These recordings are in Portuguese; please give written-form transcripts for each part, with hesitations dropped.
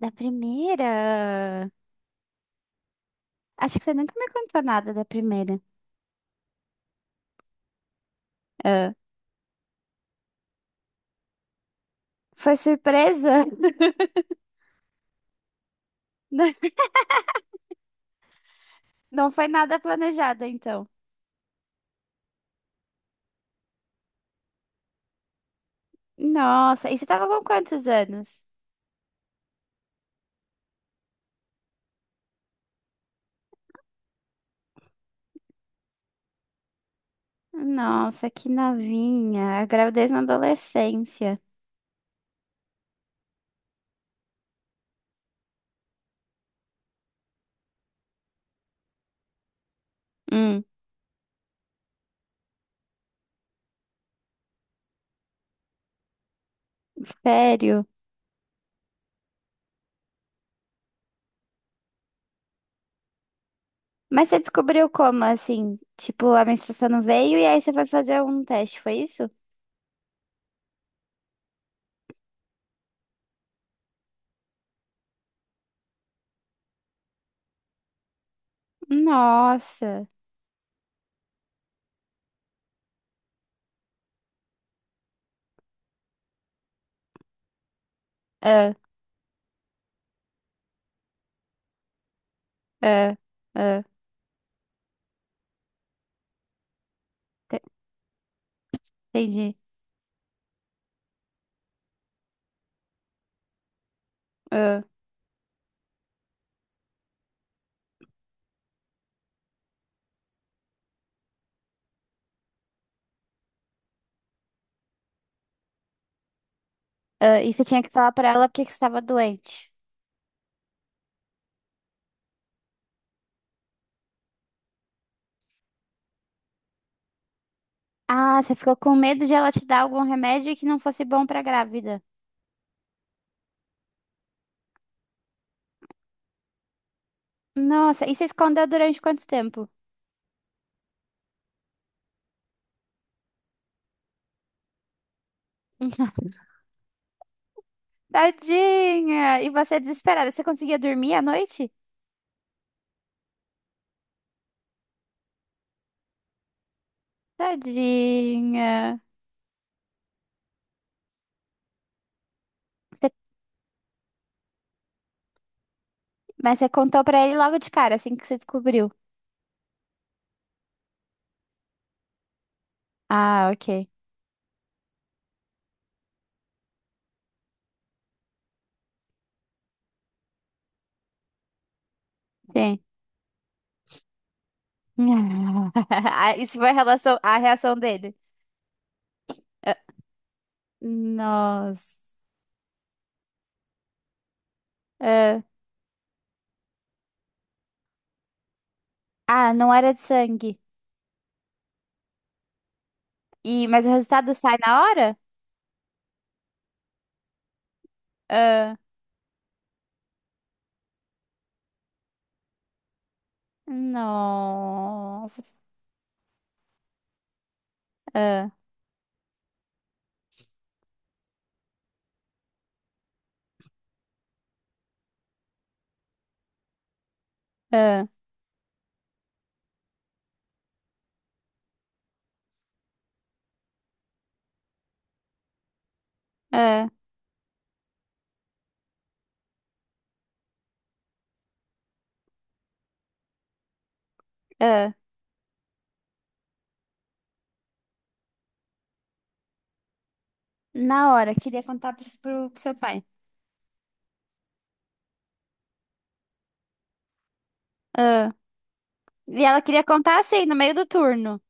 Da primeira? Acho que você nunca me contou nada da primeira. Ah, foi surpresa? Não, não foi nada planejado, então. Nossa, e você tava com quantos anos? Nossa, que novinha. A gravidez na adolescência. Hum, sério? Mas você descobriu como, assim? Tipo, a menstruação não veio e aí você foi fazer um teste, foi isso? Nossa. Ah, ah, ah. Te- Entendi. Ah, ah. E você tinha que falar pra ela porque que você tava doente. Ah, você ficou com medo de ela te dar algum remédio que não fosse bom pra grávida. Nossa, e você escondeu durante quanto tempo? Tadinha! E você desesperada, você conseguia dormir à noite? Tadinha. Você- Mas você contou pra ele logo de cara, assim que você descobriu. Ah, ok. Sim. Ah, isso foi a relação, a reação dele. Ah, nossa. Ah, ah, não era de sangue. E, mas o resultado sai na hora? Ah, nossa. Ah, ah, ah, ah. Na hora, queria contar pro, pro seu pai. Ah. E ela queria contar assim, no meio do turno.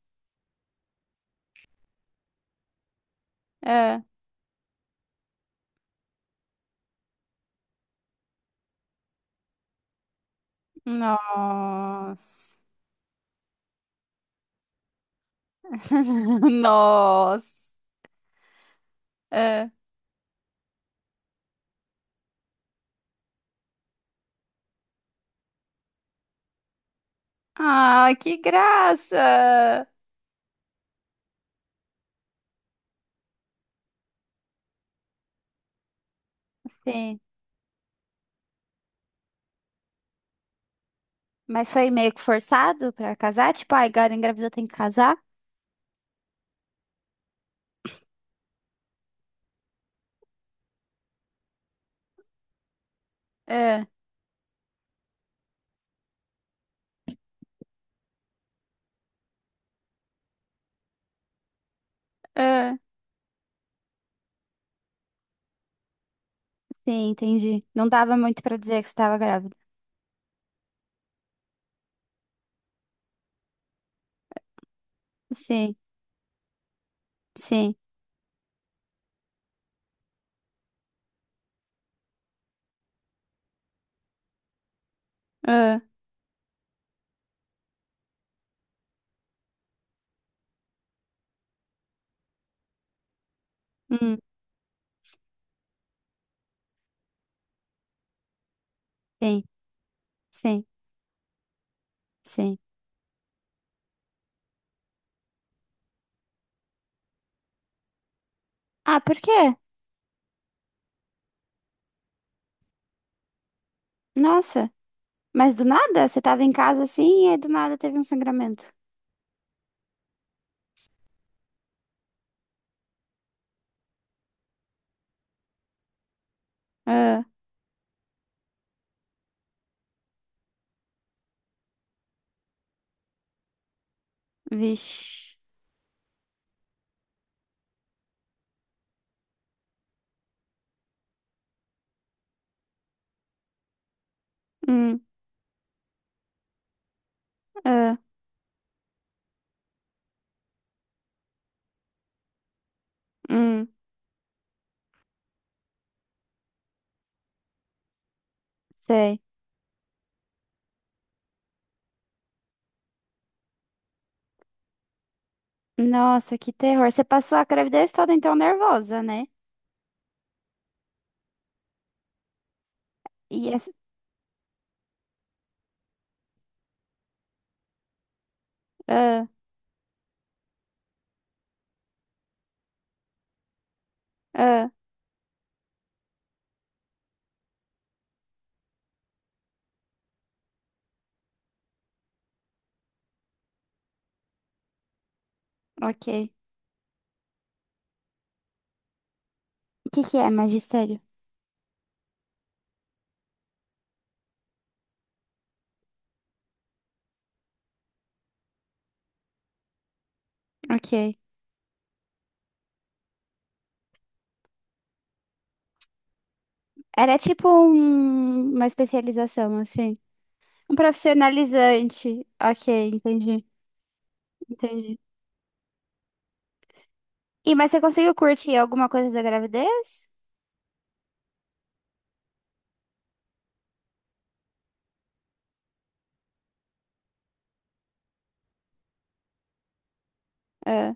Ah. Nossa. Nossa. Ah, ah, que graça. Sim. Mas foi meio que forçado pra casar? Tipo, ai, agora engravidou, tem que casar? Ah, ah. Sim, entendi. Não dava muito pra dizer que você estava grávida. Sim, sim. Ah, hum, sim, sim, sim. Ah, por quê? Nossa, mas do nada? Você tava em casa assim e aí do nada teve um sangramento. Ah, vixe. Hum, ah, hum, sei. Nossa, que terror. Você passou a gravidez toda então nervosa, né? E essa... Ah, ah, ok. O que que é magistério? Ok. Era tipo uma especialização, assim. Um profissionalizante. Ok, entendi, entendi. E mas você conseguiu curtir alguma coisa da gravidez? Ah,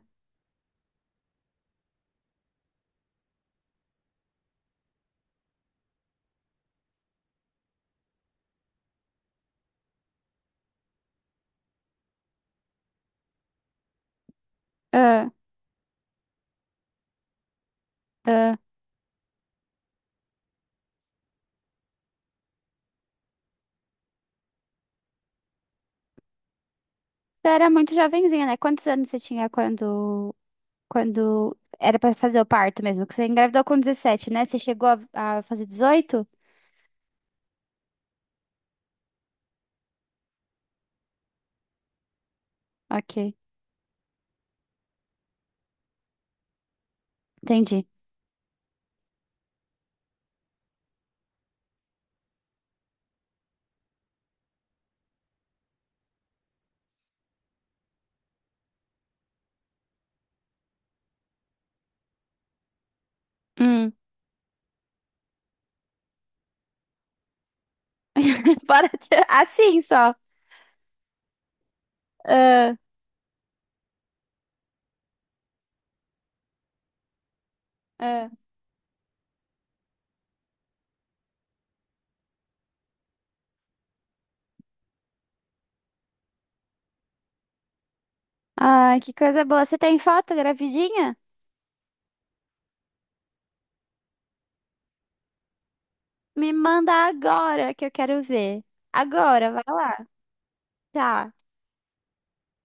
ah, ah. Você era muito jovenzinha, né? Quantos anos você tinha quando era pra fazer o parto mesmo? Que você engravidou com 17, né? Você chegou a fazer 18? Ok, entendi. Hum. Assim só. Ah, ah. Ai, que coisa boa. Você tem foto gravidinha? Me manda agora que eu quero ver. Agora, vai lá. Tá.